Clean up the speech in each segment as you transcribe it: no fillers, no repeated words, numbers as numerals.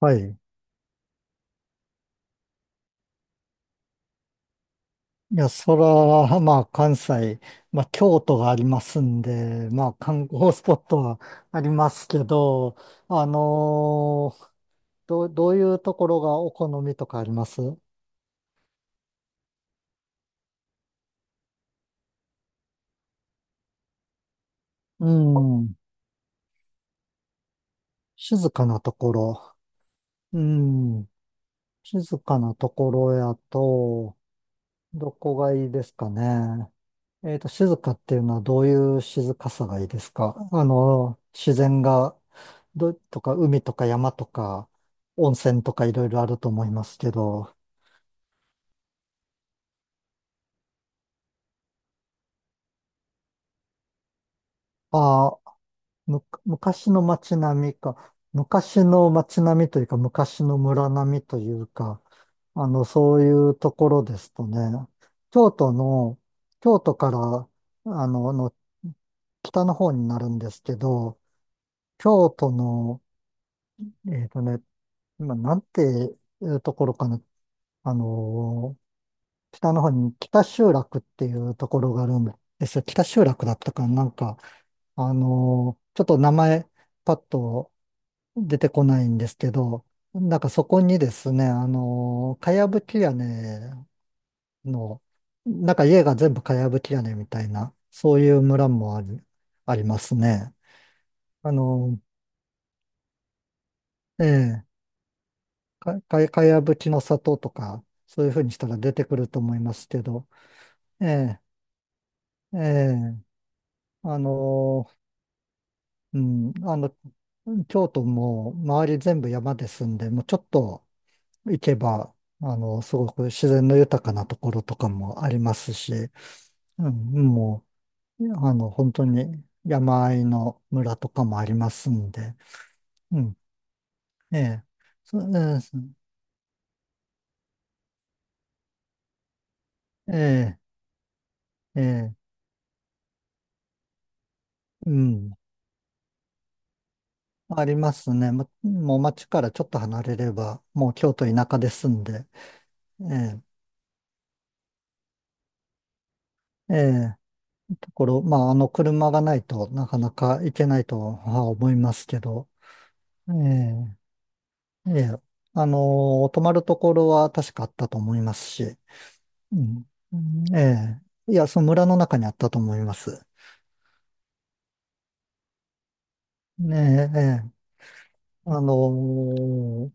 はい。いや、そら、まあ、関西、まあ、京都がありますんで、まあ、観光スポットはありますけど、あのーどういうところがお好みとかあります？うん。静かなところ。うん。静かなところやと、どこがいいですかね。静かっていうのはどういう静かさがいいですか？あの、自然が、とか海とか山とか温泉とかいろいろあると思いますけど、ああ、昔の街並みか、昔の街並みというか昔の村並みというか、あの、そういうところですとね、京都の、京都から、あの、あの北の方になるんですけど、京都のえっとね、今、なんていうところかな。あのー北の方に北集落っていうところがあるんですよ。北集落だったかな、なんか、ちょっと名前、パッと出てこないんですけど、なんかそこにですね、かやぶき屋根の、なんか家が全部かやぶき屋根みたいな、そういう村もあり、ありますね。あのええ、かやぶきの里とか、そういうふうにしたら出てくると思いますけど、ええ、ええ、あのうん、あの、京都も周り全部山ですんで、もうちょっと行けば、あの、すごく自然の豊かなところとかもありますし、うん、もう、あの、本当に山あいの村とかもありますんで、うん、ええ、ええ、ええ、ええ、うん。ありますね。もう町からちょっと離れれば、もう京都田舎で住んで、ええ、ええ、ところ、まあ、あの車がないとなかなか行けないとは思いますけど、ええ、ええ、あの、泊まるところは確かあったと思いますし、うん、うん、ええ、いや、その村の中にあったと思います。ねえ、ええ、あの、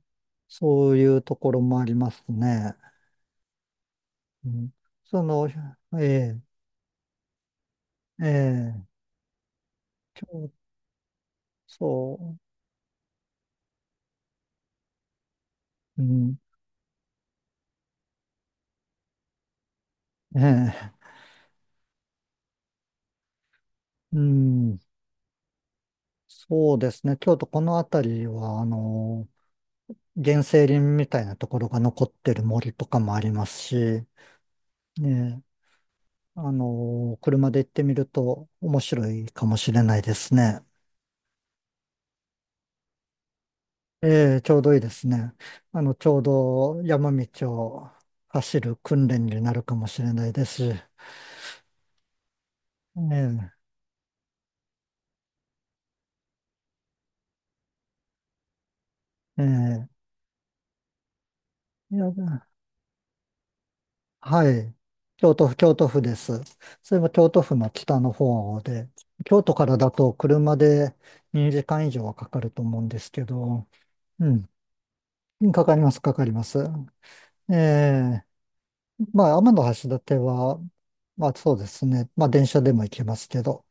そういうところもありますね。うん、その、ええ、ええ、そう、うん、ねえ、うん、そうですね。京都この辺りは、あの、原生林みたいなところが残ってる森とかもありますし、ねえ、あの、車で行ってみると面白いかもしれないですね。ええ、ちょうどいいですね。あの、ちょうど山道を走る訓練になるかもしれないですし、ええ、ええ、いや、はい。京都府です。それも京都府の北の方で、京都からだと車で2時間以上はかかると思うんですけど、うん、かかります、かかります。ええ、まあ、天橋立は、まあそうですね、まあ電車でも行けますけど、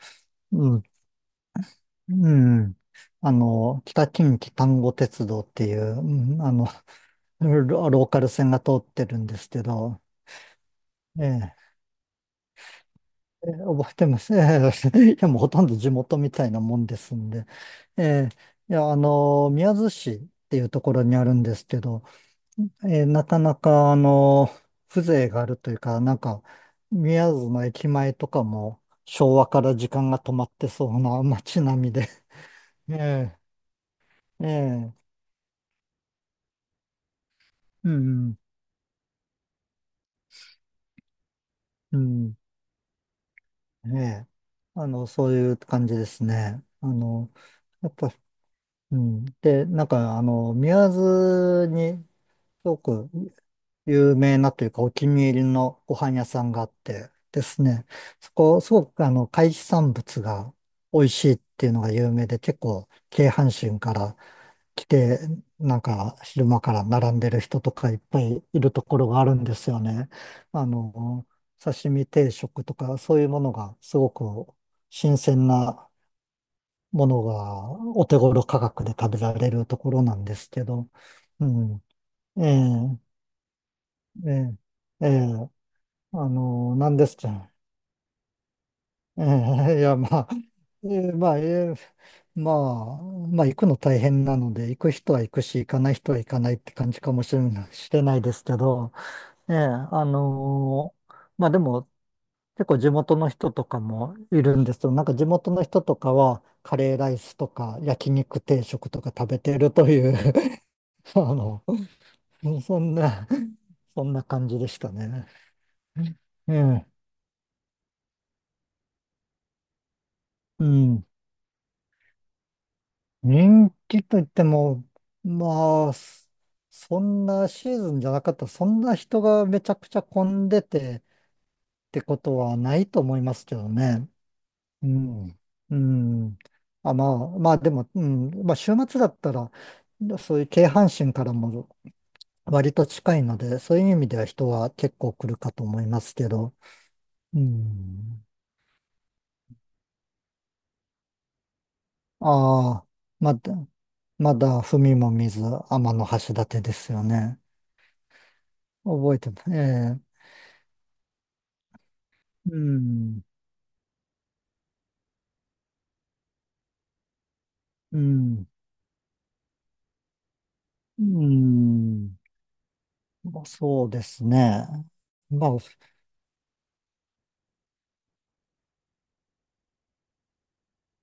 うん、うん、あの、北近畿丹後鉄道っていう、うん、あの、ロローカル線が通ってるんですけど、ええ覚えてます。いや、もうほとんど地元みたいなもんですんで。えーいや、宮津市っていうところにあるんですけど、なかなか、風情があるというか、なんか、宮津の駅前とかも昭和から時間が止まってそうな 街並みで。ええ、ええ、うん、うん、うん、ええ、あの、そういう感じですね。あの、やっぱ、うん。で、なんか、あの、宮津に、すごく有名なというかお気に入りのご飯屋さんがあってですね、そこ、すごくあの、海産物が美味しいっていうのが有名で、結構、京阪神から来て、なんか、昼間から並んでる人とかいっぱいいるところがあるんですよね。あの、刺身定食とか、そういうものがすごく新鮮なものがお手頃価格で食べられるところなんですけど、うん、ええ、ええ、ええ、あの、何ですか。ええ、いや、まあ、ええ、まあ、ええ、まあ、まあ、行くの大変なので、行く人は行くし、行かない人は行かないって感じかもしれないですけど、ええ、あのまあでも、結構地元の人とかもいるんですけど、なんか地元の人とかは、カレーライスとか、焼肉定食とか食べてるという あの、そんな、そんな感じでしたね。ええ、うん。人気といっても、まあ、そんなシーズンじゃなかったら、そんな人がめちゃくちゃ混んでてってことはないと思いますけどね。うん。うん。あ、まあ、まあでも、うん。まあ週末だったら、そういう京阪神からも割と近いので、そういう意味では人は結構来るかと思いますけど。うん。ああ、まだ、まだ踏みも見ず、天橋立ですよね。覚えてます。ええ、うん、うん、うん。まあ、そうですね。まあ、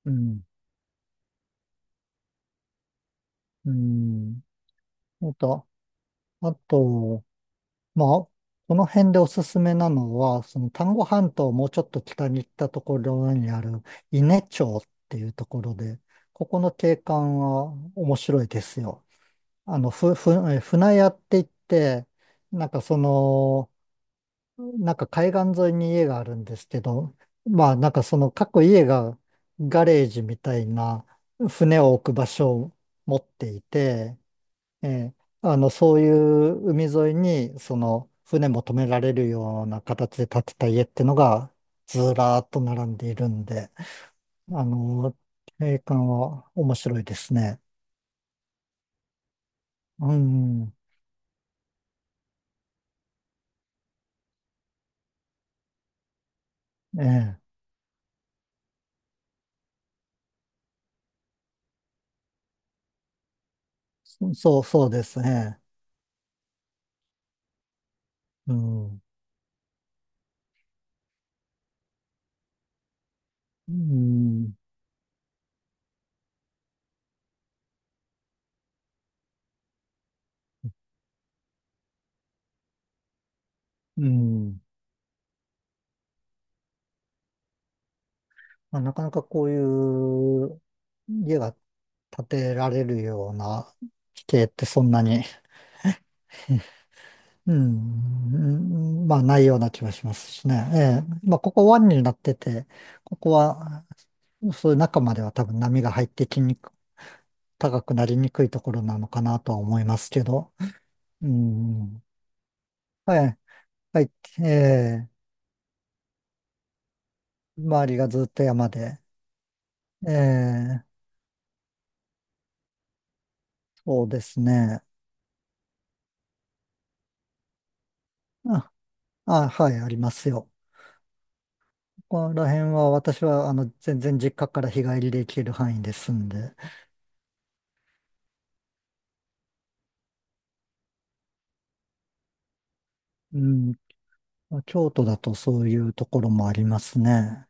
うん、うん。あと、あと、まあ、この辺でおすすめなのは、その丹後半島をもうちょっと北に行ったところにある伊根町っていうところで、ここの景観は面白いですよ。あの、ふ、ふ、え船屋って言って、なんかその、なんか海岸沿いに家があるんですけど、まあなんかその各家がガレージみたいな船を置く場所を持っていて、ええ、あのそういう海沿いにその船も止められるような形で建てた家ってのがずらーっと並んでいるんで、あの、景観は面白いですね。うん、ええ、そうですね。うん、うん、うん。まあ、なかなかこういう家が建てられるような地形ってそんなに、うん、うん、まあないような気がしますしね。ええ、まあここ湾になってて、ここは、そういう中までは多分波が入ってきにく、高くなりにくいところなのかなとは思いますけど。うん、はい、はい、ええ、周りがずっと山で、ええ、そうですね。あ、あ、はい、ありますよ。ここら辺は私はあの全然実家から日帰りで行ける範囲ですんで、うん、まあ京都だとそういうところもありますね。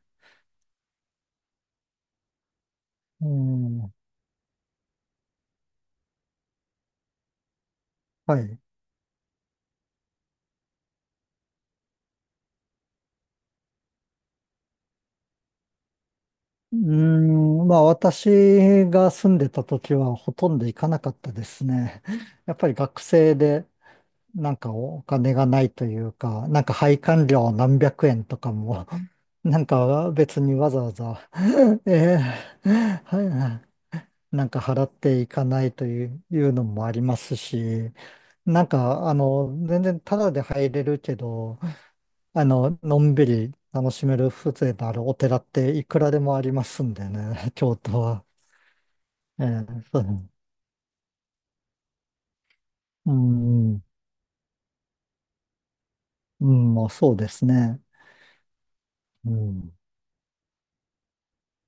うん、はい。うん、まあ私が住んでた時はほとんど行かなかったですね。やっぱり学生でなんかお金がないというか、なんか配管料何百円とかも、なんか別にわざわざ、ええ、はい、なんか払っていかないという、のもありますし、なんか、あの、全然タダで入れるけど、あの、のんびり楽しめる風情のあるお寺っていくらでもありますんでね、京都は。ええ、そう、うん、うん、まあそうですね。うん